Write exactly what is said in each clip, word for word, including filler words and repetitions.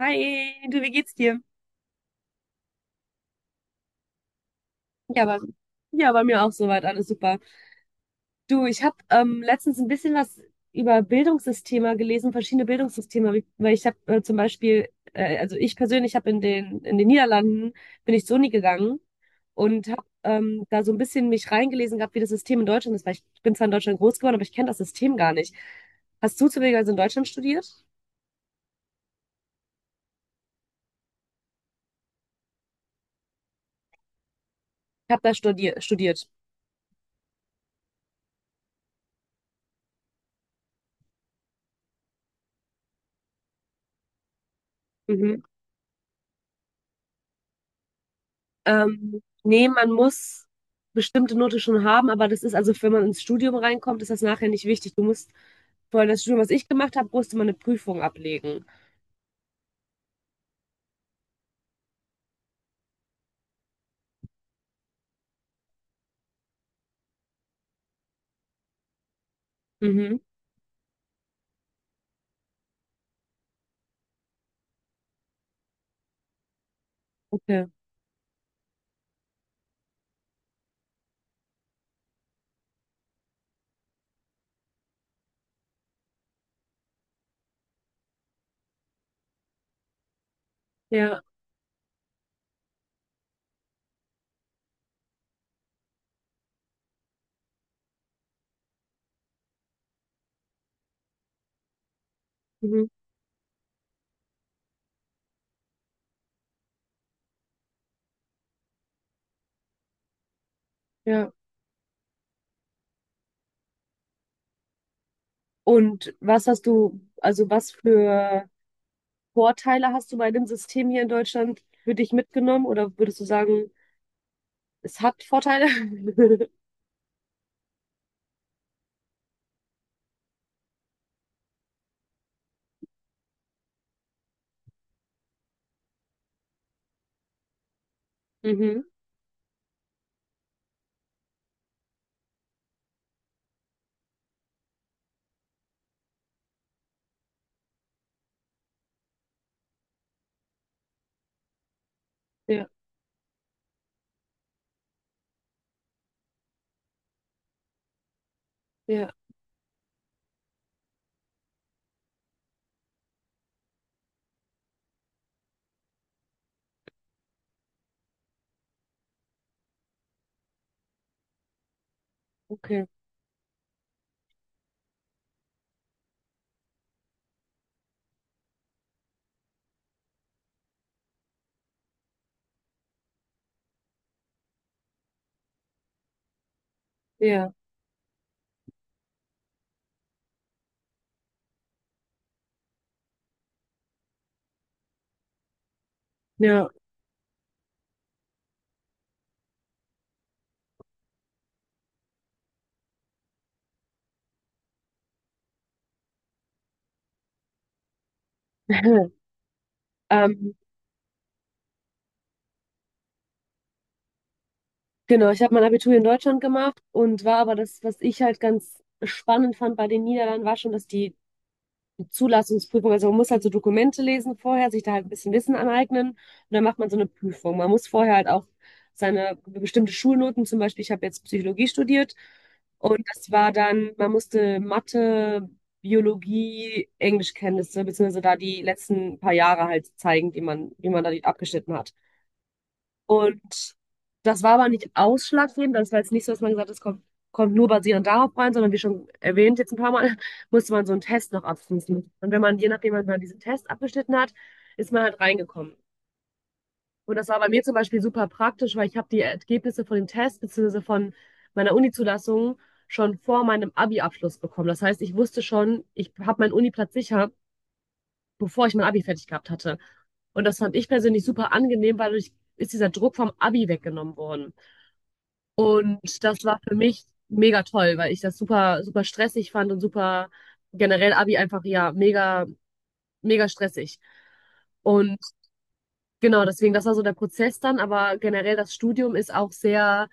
Hi, du, wie geht's dir? Ja, aber, ja, bei mir auch soweit, alles super. Du, ich habe ähm, letztens ein bisschen was über Bildungssysteme gelesen, verschiedene Bildungssysteme, wie- weil ich habe äh, zum Beispiel, äh, also ich persönlich habe in den, in den Niederlanden, bin ich zur Uni gegangen und habe ähm, da so ein bisschen mich reingelesen gehabt, wie das System in Deutschland ist, weil ich bin zwar in Deutschland groß geworden, aber ich kenne das System gar nicht. Hast du zufälligerweise in Deutschland studiert? Ich habe da studier studiert. Ähm, nee, man muss bestimmte Note schon haben, aber das ist also, wenn man ins Studium reinkommt, ist das nachher nicht wichtig. Du musst vorher das Studium, was ich gemacht habe, musste man eine Prüfung ablegen. Mhm. Okay. Ja. Mhm. Ja. Und was hast du, also was für Vorteile hast du bei dem System hier in Deutschland für dich mitgenommen? Oder würdest du sagen, es hat Vorteile? Mhm. Ja. Ja. Okay. Ja. Ja. Ähm, Genau, ich habe mein Abitur in Deutschland gemacht und war aber das, was ich halt ganz spannend fand bei den Niederlanden, war schon, dass die Zulassungsprüfung, also man muss halt so Dokumente lesen vorher, sich da halt ein bisschen Wissen aneignen und dann macht man so eine Prüfung. Man muss vorher halt auch seine bestimmte Schulnoten, zum Beispiel, ich habe jetzt Psychologie studiert und das war dann, man musste Mathe, Biologie, Englischkenntnisse, beziehungsweise da die letzten paar Jahre halt zeigen, die man, wie man da die abgeschnitten hat. Und das war aber nicht ausschlaggebend. Das war jetzt nicht so, dass man gesagt hat, es kommt, kommt nur basierend darauf rein, sondern wie schon erwähnt jetzt ein paar Mal, musste man so einen Test noch abschließen. Und wenn man, je nachdem, wenn man diesen Test abgeschnitten hat, ist man halt reingekommen. Und das war bei mir zum Beispiel super praktisch, weil ich habe die Ergebnisse von dem Test beziehungsweise von meiner Uni-Zulassung schon vor meinem Abi-Abschluss bekommen. Das heißt, ich wusste schon, ich habe meinen Uni-Platz sicher, bevor ich mein Abi fertig gehabt hatte. Und das fand ich persönlich super angenehm, weil dadurch ist dieser Druck vom Abi weggenommen worden. Und das war für mich mega toll, weil ich das super, super stressig fand und super generell Abi einfach, ja, mega, mega stressig. Und genau, deswegen, das war so der Prozess dann, aber generell das Studium ist auch sehr,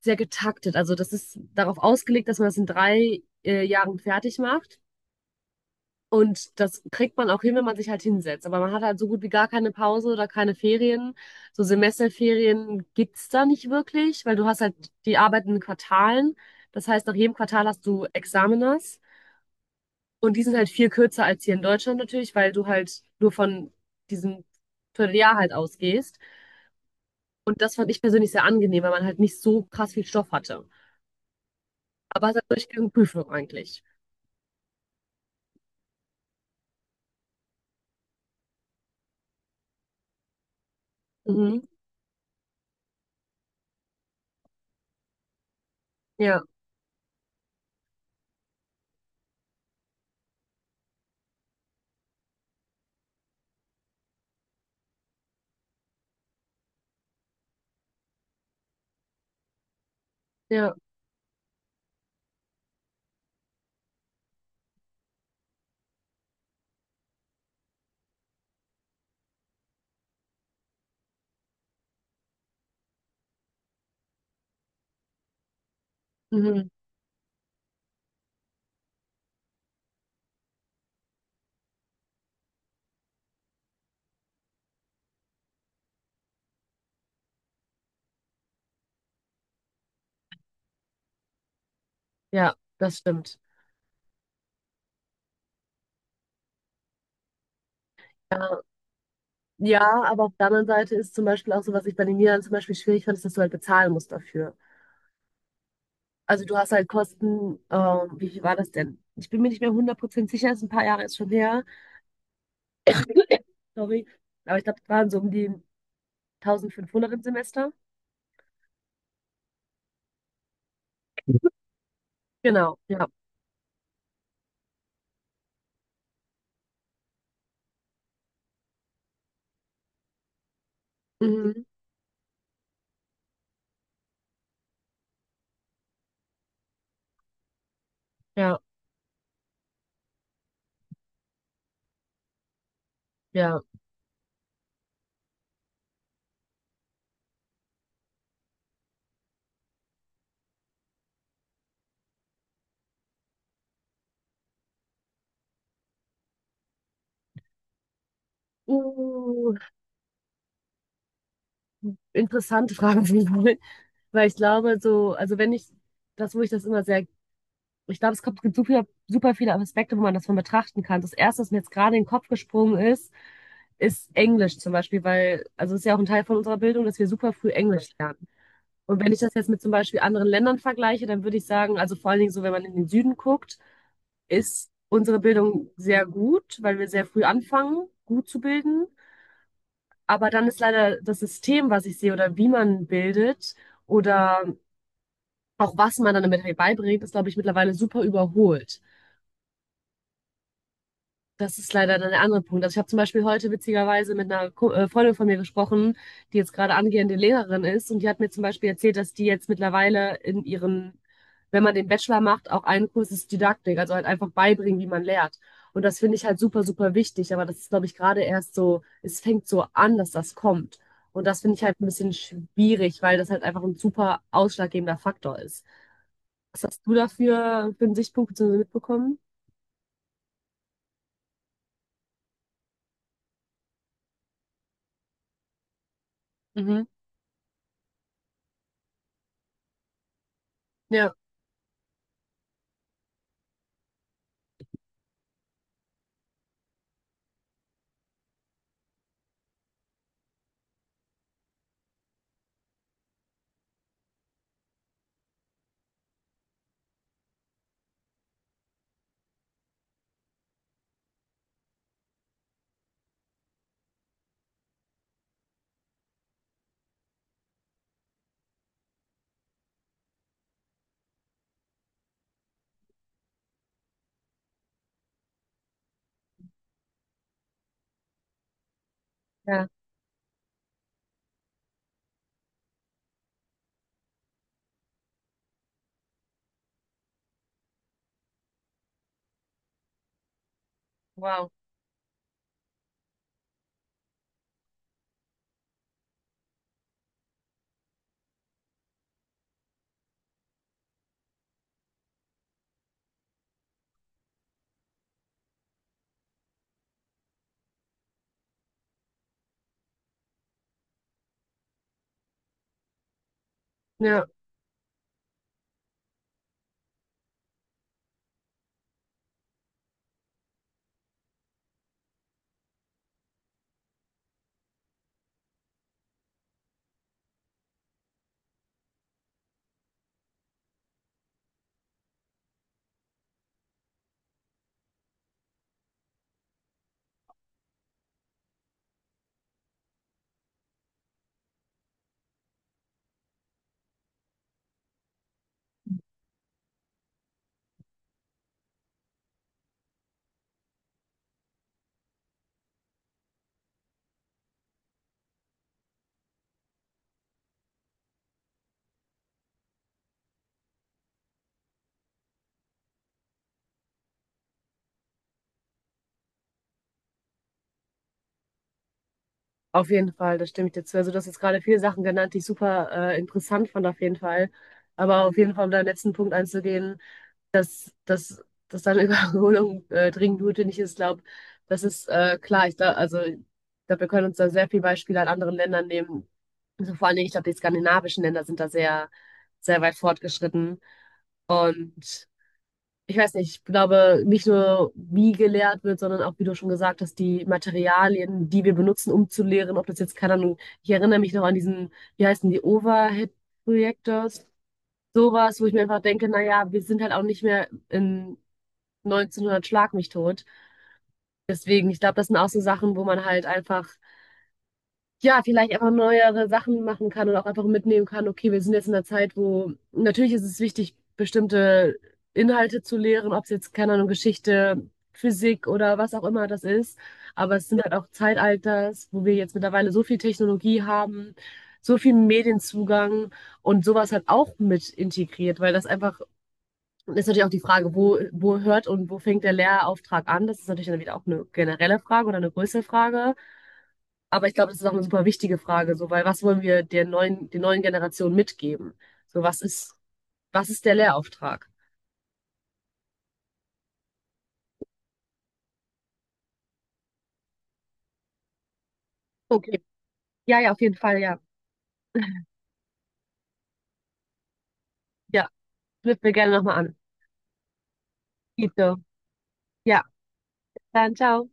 sehr getaktet. Also das ist darauf ausgelegt, dass man das in drei äh, Jahren fertig macht. Und das kriegt man auch hin, wenn man sich halt hinsetzt. Aber man hat halt so gut wie gar keine Pause oder keine Ferien. So Semesterferien gibt's da nicht wirklich, weil du hast halt die Arbeit in Quartalen. Das heißt, nach jedem Quartal hast du Examiners. Und die sind halt viel kürzer als hier in Deutschland natürlich, weil du halt nur von diesem Vierteljahr halt ausgehst. Und das fand ich persönlich sehr angenehm, weil man halt nicht so krass viel Stoff hatte. Aber es hat durchgehend Prüfung eigentlich. Mhm. Ja, ja, mhm. Ja, das stimmt. Ja. Ja, aber auf der anderen Seite ist zum Beispiel auch so, was ich bei den Niederlanden zum Beispiel schwierig fand, ist, dass du halt bezahlen musst dafür. Also du hast halt Kosten, ähm, wie viel war das denn? Ich bin mir nicht mehr hundert Prozent sicher, ist ein paar Jahre ist schon her. Sorry. Aber ich glaube, das waren so um die eintausendfünfhundert im Semester. Genau, ja. Mhm. Ja, ja. Uh, interessante Fragen, weil ich glaube, so, also wenn ich, das, wo ich das immer sehr ich glaube, es kommt, gibt super, super viele Aspekte, wo man das von betrachten kann. Das erste, was mir jetzt gerade in den Kopf gesprungen ist, ist Englisch zum Beispiel, weil, also es ist ja auch ein Teil von unserer Bildung, dass wir super früh Englisch lernen. Und wenn ich das jetzt mit zum Beispiel anderen Ländern vergleiche, dann würde ich sagen, also vor allen Dingen so, wenn man in den Süden guckt, ist unsere Bildung sehr gut, weil wir sehr früh anfangen, gut zu bilden. Aber dann ist leider das System, was ich sehe, oder wie man bildet, oder auch was man dann damit halt beibringt, ist, glaube ich, mittlerweile super überholt. Das ist leider dann der andere Punkt. Also ich habe zum Beispiel heute witzigerweise mit einer Ko- äh, Freundin von mir gesprochen, die jetzt gerade angehende Lehrerin ist und die hat mir zum Beispiel erzählt, dass die jetzt mittlerweile in ihren, wenn man den Bachelor macht, auch einen Kurs ist Didaktik, also halt einfach beibringen, wie man lehrt. Und das finde ich halt super, super wichtig, aber das ist, glaube ich, gerade erst so, es fängt so an, dass das kommt. Und das finde ich halt ein bisschen schwierig, weil das halt einfach ein super ausschlaggebender Faktor ist. Was hast du dafür für einen Sichtpunkt beziehungsweise mitbekommen? Mhm. Ja, ja, wow, ja. Auf jeden Fall, das stimme ich dir zu. Also, du hast jetzt gerade viele Sachen genannt, die ich super äh, interessant fand, auf jeden Fall. Aber auf jeden Fall, um deinen letzten Punkt einzugehen, dass, dass, dass deine Überholung äh, dringend notwendig ist, glaube, das ist äh, klar. Ich glaube, also, ich glaube, wir können uns da sehr viele Beispiele an anderen Ländern nehmen. Also, vor allen Dingen, ich glaube, die skandinavischen Länder sind da sehr, sehr weit fortgeschritten. Und ich weiß nicht, ich glaube, nicht nur wie gelehrt wird, sondern auch, wie du schon gesagt hast, die Materialien, die wir benutzen, um zu lehren, ob das jetzt, keine Ahnung, ich erinnere mich noch an diesen, wie heißen die, Overhead-Projektors, sowas, wo ich mir einfach denke, naja, wir sind halt auch nicht mehr in neunzehnhundert Schlag mich tot. Deswegen, ich glaube, das sind auch so Sachen, wo man halt einfach ja, vielleicht einfach neuere Sachen machen kann und auch einfach mitnehmen kann, okay, wir sind jetzt in einer Zeit, wo natürlich ist es wichtig, bestimmte Inhalte zu lehren, ob es jetzt, keine Ahnung, Geschichte, Physik oder was auch immer das ist. Aber es sind halt auch Zeitalters, wo wir jetzt mittlerweile so viel Technologie haben, so viel Medienzugang und sowas halt auch mit integriert, weil das einfach, das ist natürlich auch die Frage, wo, wo hört und wo fängt der Lehrauftrag an? Das ist natürlich dann wieder auch eine generelle Frage oder eine größere Frage. Aber ich glaube, das ist auch eine super wichtige Frage, so, weil was wollen wir der neuen, der neuen Generation mitgeben? So, was ist, was ist der Lehrauftrag? Okay. Ja, ja, auf jeden Fall, ja. Ja, knüpfen wir gerne nochmal an. Tito. Ja, dann ciao.